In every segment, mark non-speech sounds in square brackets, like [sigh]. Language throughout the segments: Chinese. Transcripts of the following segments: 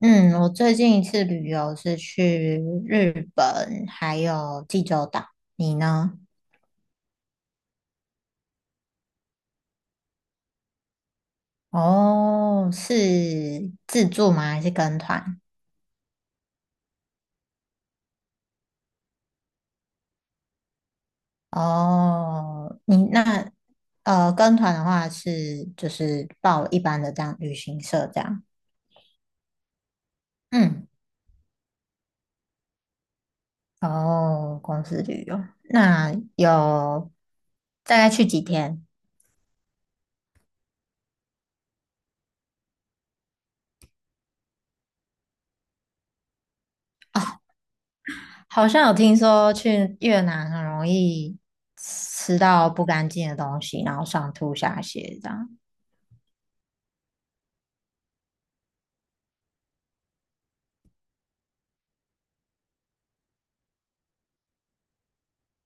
嗯，我最近一次旅游是去日本，还有济州岛。你呢？哦，是自助吗？还是跟团？哦，跟团的话就是报一般的这样旅行社这样。嗯，哦，公司旅游，那有大概去几天？[laughs] 啊？好像有听说去越南很容易吃到不干净的东西，然后上吐下泻这样。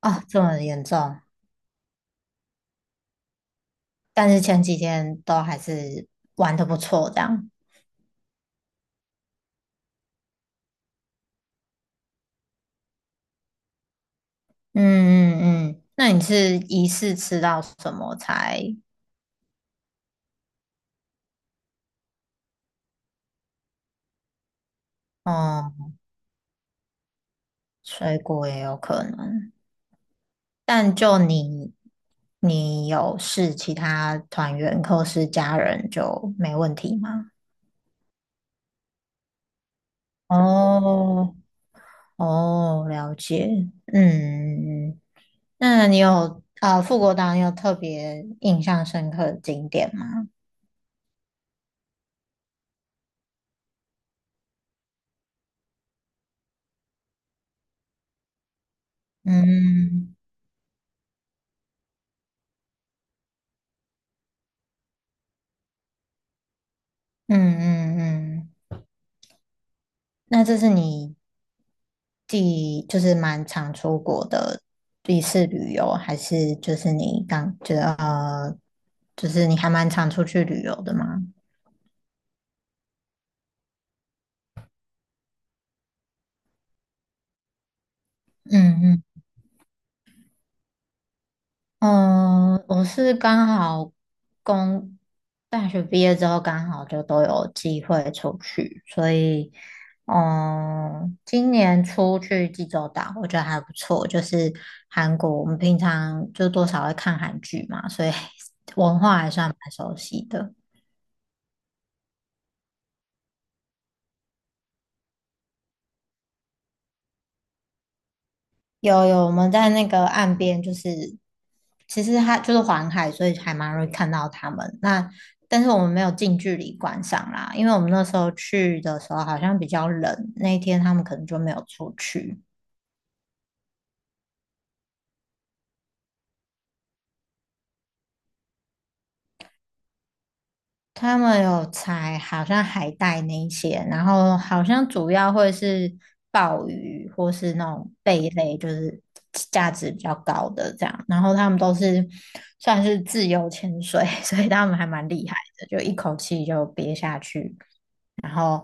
哦，这么严重？但是前几天都还是玩的不错这样。嗯嗯嗯，那你是疑似吃到什么才？哦，水果也有可能。但就你有试其他团员或是家人就没问题吗？哦，哦，了解。嗯，那你有啊，富国岛你有特别印象深刻的景点吗？嗯嗯嗯嗯，那这是你就是蛮常出国的一次旅游，还是就是你刚就是呃，就是你还蛮常出去旅游的吗？嗯嗯嗯，我是刚好工大学毕业之后，刚好就都有机会出去，所以，今年出去济州岛，我觉得还不错。就是韩国，我们平常就多少会看韩剧嘛，所以 [laughs] 文化还算蛮熟悉的。有有，我们在那个岸边，就是其实它就是环海，所以还蛮容易看到它们。那但是我们没有近距离观赏啦，因为我们那时候去的时候好像比较冷，那一天他们可能就没有出去。他们有采好像海带那一些，然后好像主要会是鲍鱼或是那种贝类，就是价值比较高的这样。然后他们都是算是自由潜水，[laughs] 所以他们还蛮厉害的，就一口气就憋下去。然后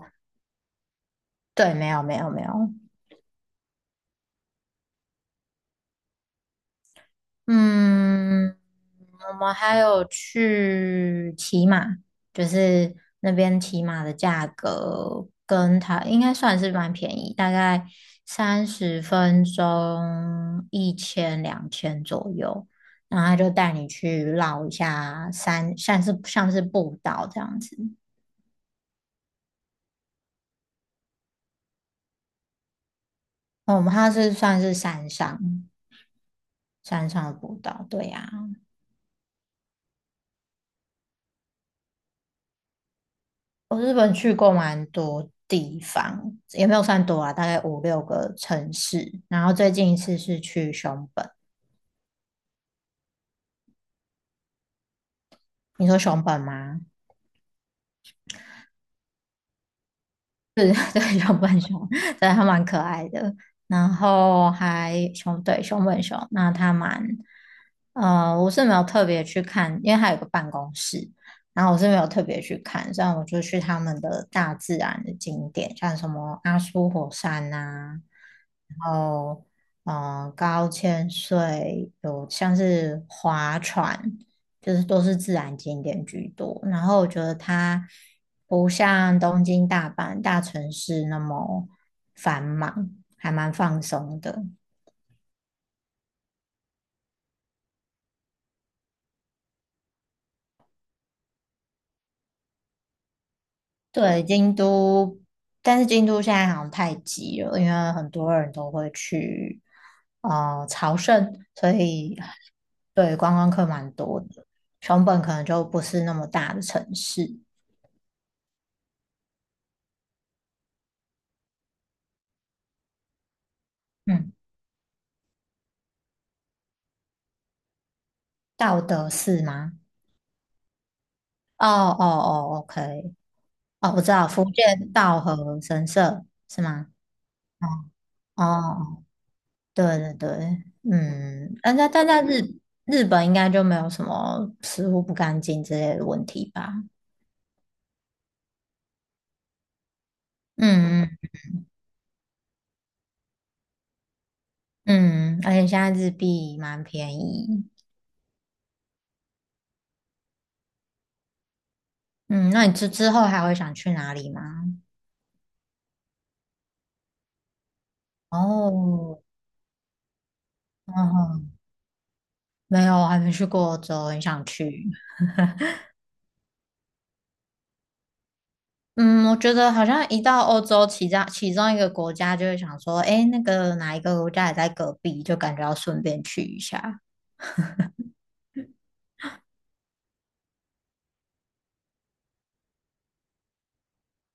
对，没有没有没有，嗯，我们还有去骑马，就是那边骑马的价格跟它应该算是蛮便宜，大概30分钟10002000左右，然后他就带你去绕一下山，像是步道这样子。哦我们它是算是山上的步道，对呀。我日本去过蛮多地方，也没有算多啊，大概五六个城市。然后最近一次是去熊本，你说熊本吗？[laughs] 对对熊本熊，对，它蛮可爱的。然后对，熊本熊，那它蛮，我是没有特别去看，因为它有个办公室，然后我是没有特别去看，这样我就去他们的大自然的景点，像什么阿苏火山啊，然后，高千穗有像是划船。就是都是自然景点居多。然后我觉得它不像东京、大阪大城市那么繁忙，还蛮放松的。对，京都，但是京都现在好像太挤了，因为很多人都会去朝圣，所以对观光客蛮多的。熊本可能就不是那么大的城市，嗯，道德寺吗？哦哦哦，OK，哦，我知道福建道和神社是吗？哦哦，对对对，嗯，但在日本应该就没有什么食物不干净之类的问题吧？嗯嗯嗯，而且现在日币蛮便宜。嗯，那你之后还会想去哪里吗？哦，嗯哼没有，还没去过欧洲，很想去。嗯，我觉得好像一到欧洲其中一个国家，就会想说，诶，那个哪一个国家也在隔壁，就感觉要顺便去一下。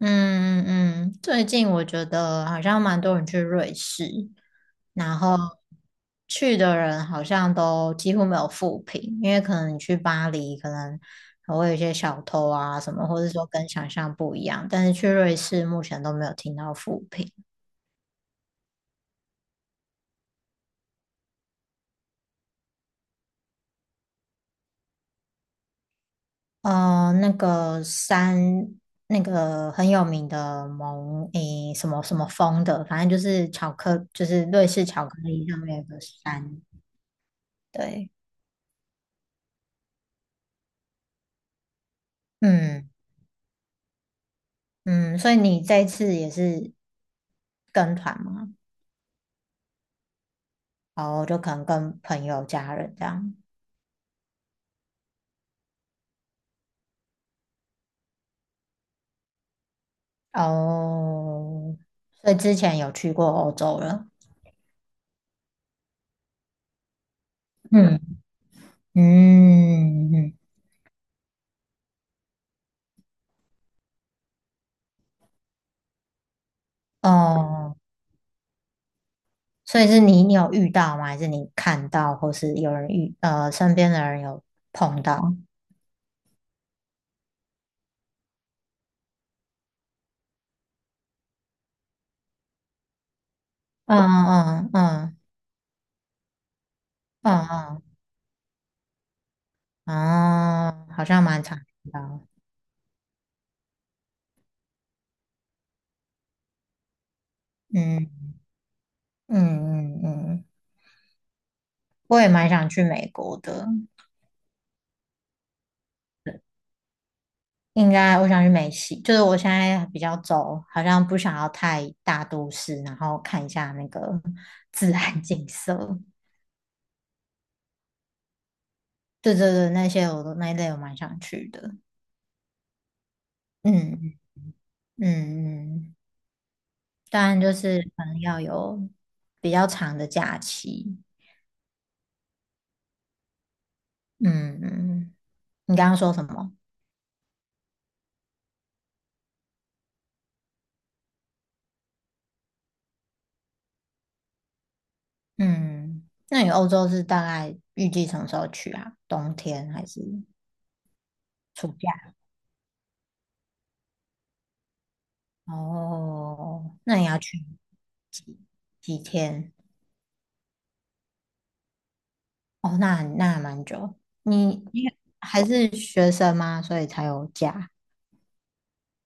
嗯嗯嗯，最近我觉得好像蛮多人去瑞士，然后去的人好像都几乎没有负评，因为可能你去巴黎，可能还会有一些小偷啊什么，或者说跟想象不一样，但是去瑞士目前都没有听到负评。那个山，那个很有名的诶，什么什么峰的，反正就是巧克，就是瑞士巧克力上面有个山。对，嗯嗯，所以你这次也是跟团吗？哦，就可能跟朋友、家人这样。哦，所以之前有去过欧洲了。嗯嗯嗯，嗯嗯嗯哦。所以是你有遇到吗？还是你看到，或是有人身边的人有碰到？嗯嗯嗯嗯嗯哦，好像蛮常遇到。嗯嗯嗯嗯，我也蛮想去美国的。应该我想去美西，就是我现在比较走，好像不想要太大都市，然后看一下那个自然景色。对对对，那些我都那一类我蛮想去的。嗯嗯嗯。当然就是可能要有比较长的假期。嗯，你刚刚说什么？嗯，那你欧洲是大概预计什么时候去啊？冬天还是暑假？哦，那你要去几几天？哦，那还蛮久。你还是学生吗？所以才有假。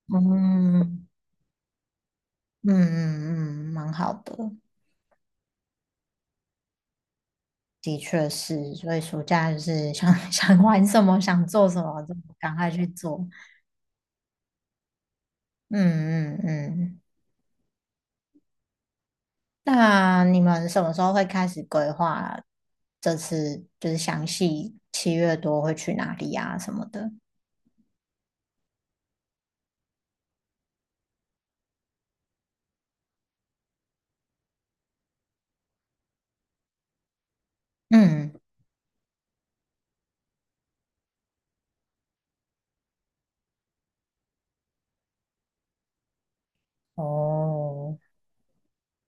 嗯嗯嗯嗯，嗯蛮好的。的确是，所以暑假就是想 [laughs] 想玩什么，想做什么就赶快去做。嗯嗯嗯。那你们什么时候会开始规划？这次就是详细7月多会去哪里啊什么的？嗯，哦，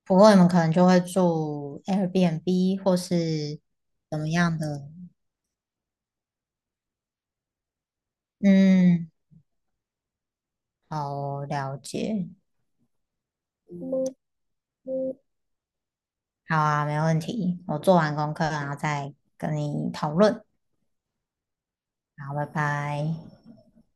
不过你们可能就会住 Airbnb 或是怎么样的？嗯，好，了解。好啊，没问题。我做完功课，然后再跟你讨论。好，拜拜。